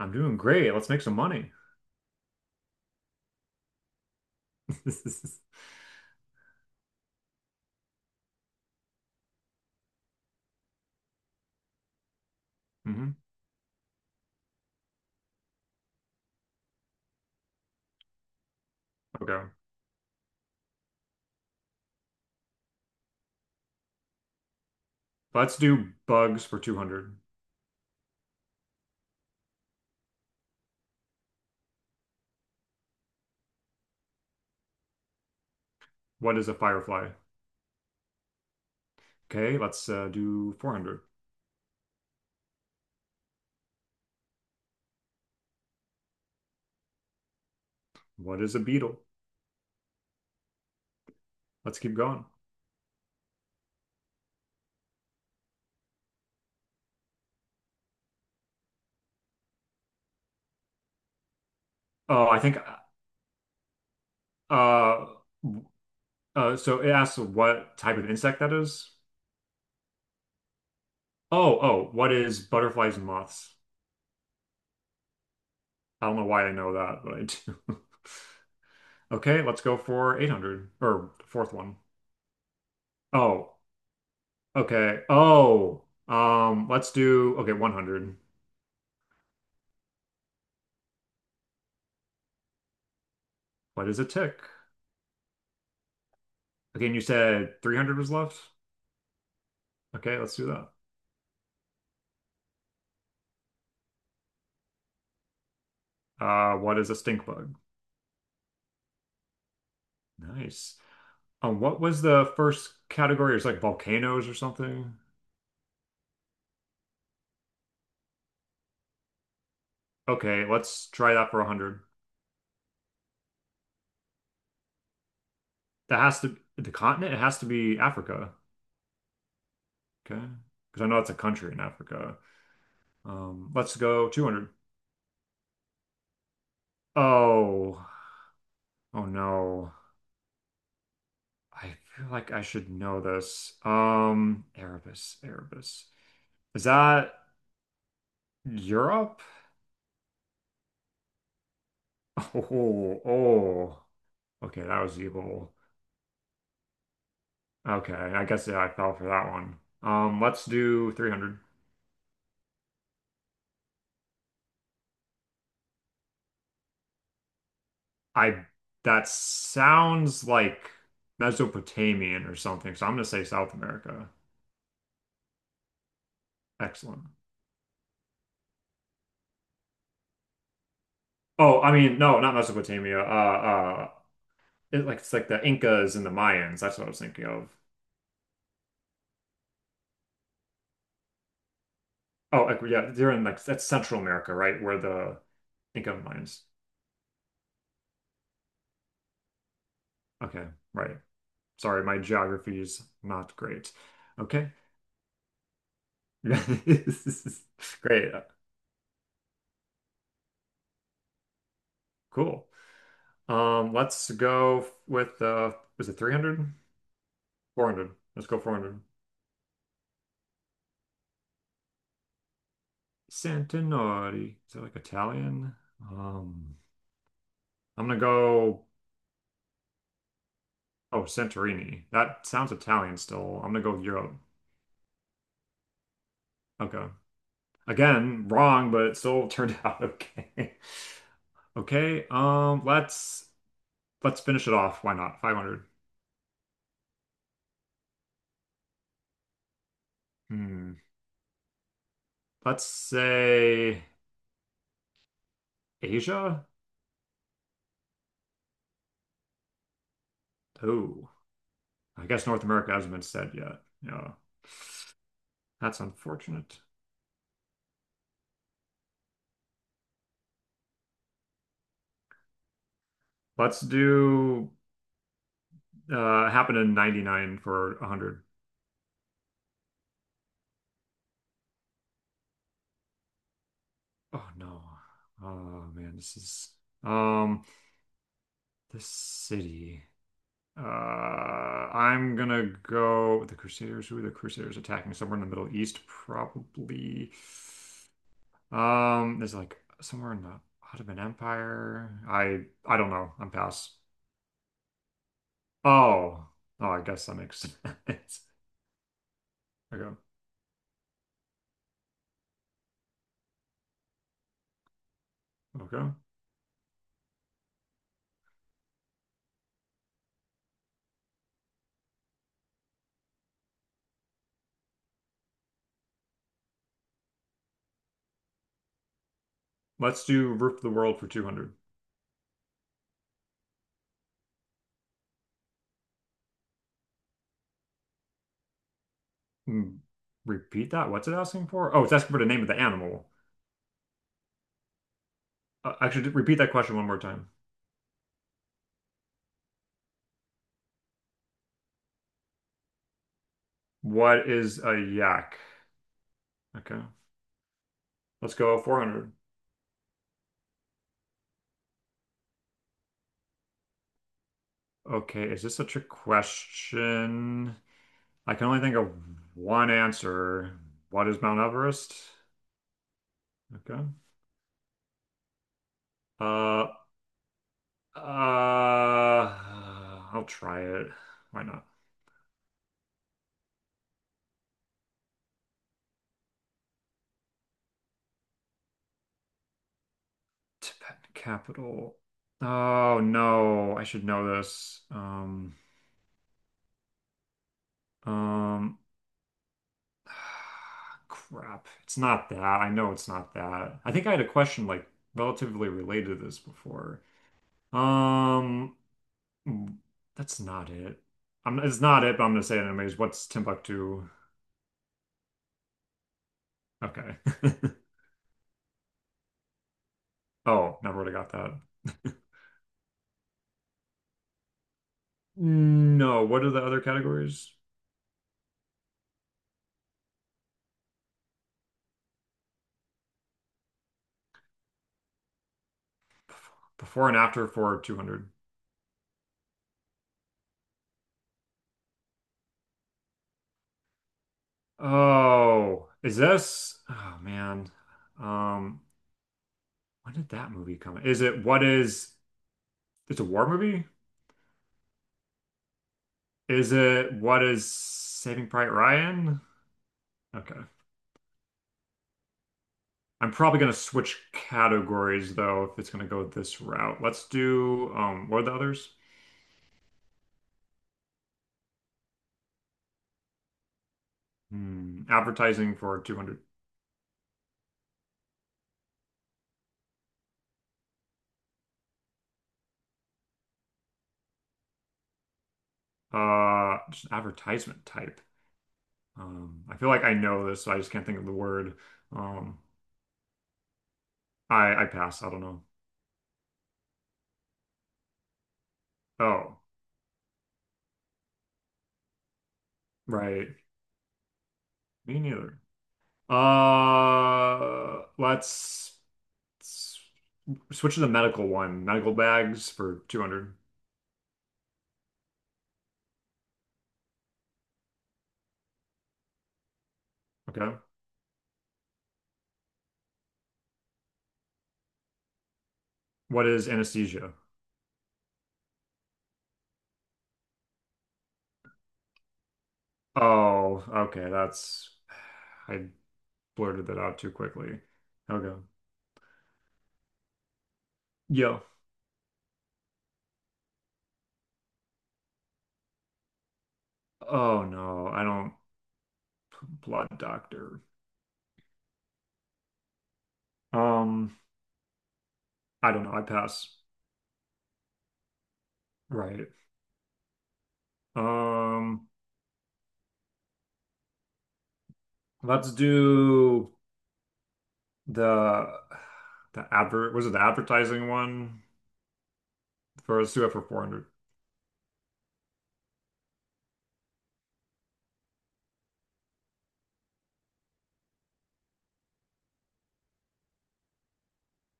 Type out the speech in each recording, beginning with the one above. I'm doing great. Let's make some money. hmm Okay. Let's do bugs for 200. What is a firefly? Okay, let's do 400. What is a beetle? Let's keep going. Oh, I think uh, so it asks what type of insect that is. Oh, oh, what is butterflies and moths? I don't know why I know that, but I do. Okay, let's go for 800 or the fourth one. Oh, okay. Oh, let's do okay, 100. What is a tick? Again, you said 300 was left? Okay, let's do that. What is a stink bug? Nice. What was the first category? It was like volcanoes or something. Okay, let's try that for 100. That has to the continent, it has to be Africa. Okay. Because I know it's a country in Africa. Let's go 200. Oh, oh no. I feel like I should know this. Erebus, Erebus. Is that Europe? Oh, oh. Okay, that was evil. Okay, I guess yeah, I fell for that one. Let's do 300. I That sounds like Mesopotamian or something, so I'm gonna say South America. Excellent. Oh, I mean, no, not Mesopotamia. It, like it's like the Incas and the Mayans. That's what I was thinking of. Oh, like, yeah, they're in like that's Central America, right? Where the Inca and Mayans. Okay, right. Sorry, my geography is not great. Okay. This is Great. Cool. Let's go with was it 300? 400. Let's go 400. Santinori. Is that like Italian? Um, I'm gonna go oh, Santorini. That sounds Italian still. I'm gonna go Europe. Okay. Again, wrong, but it still turned out okay. Okay. Let's finish it off. Why not? 500. Hmm. Let's say Asia. Oh. I guess North America hasn't been said yet. Yeah, that's unfortunate. Let's do happened in 99 for 100. Oh no. Oh man, this is um this city. I'm gonna go with the Crusaders. Who are the Crusaders attacking? Somewhere in the Middle East, probably. There's like somewhere in the Ottoman Empire. I don't know. I'm pass. Oh, oh, I guess that makes sense. Okay, okay. Let's do Roof of the World for 200. Hmm, Repeat that. What's it asking for? Oh, it's asking for the name of the animal. Actually, repeat that question one more time. What is a yak? Okay. Let's go 400. Okay. Is this such a question? I can only think of one answer. What is Mount Everest? Okay. Uh, uh, I'll try it. Why not? Tibetan capital. Oh no, I should know this. Um, crap. It's not that. I know it's not that. I think I had a question like relatively related to this before. Um, mm, that's not it. I'm, it's not it, but I'm gonna say it anyways. What's Timbuktu? Okay. Oh, never would have got that. No, what are the other categories? Before and after for 200. Oh, is this? Oh man. Um, when did that movie come? Is it what is It's a war movie? Is it what is Saving Private Ryan? Okay. I'm probably gonna switch categories though if it's gonna go this route. Let's do what are the others? Hmm, advertising for 200. Just advertisement type. I feel like I know this, so I just can't think of the word. Um, I pass. I don't know. Oh, right. Me neither. Uh, let's s- Switch to the medical one. Medical bags for 200. Okay. What is anesthesia? Oh, okay. That's I blurted that out too quickly. Okay. Yo. Oh no, I don't blood doctor. Um, I don't know. I pass. Right. Um, let's do the the advert. Was it the advertising one? For let's do it for 400.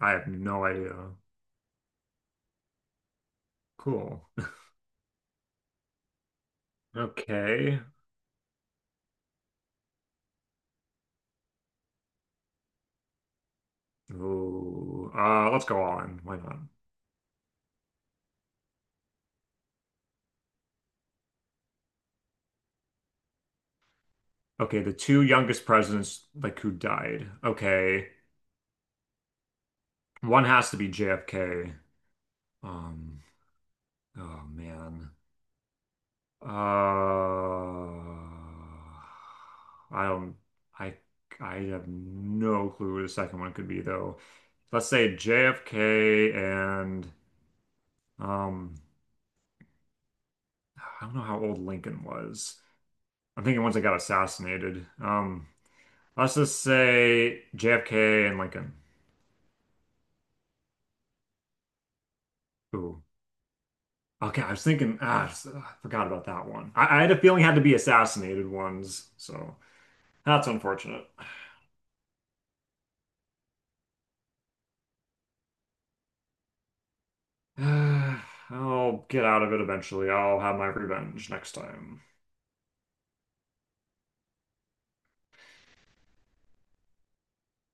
I have no idea. Cool. Okay. Ooh. Let's go all in. Why not? Okay, the two youngest presidents like who died. Okay. One has to be JFK. Um, oh man. Uh, I don't I I have no clue who the second one could be though. Let's say JFK and um I don't know how old Lincoln was. I'm thinking once I got assassinated. Let's just say JFK and Lincoln. Ooh. Okay, I was thinking, ah, forgot about that one. I had a feeling it had to be assassinated ones, so that's unfortunate. I'll get out of it eventually. I'll have my revenge next time.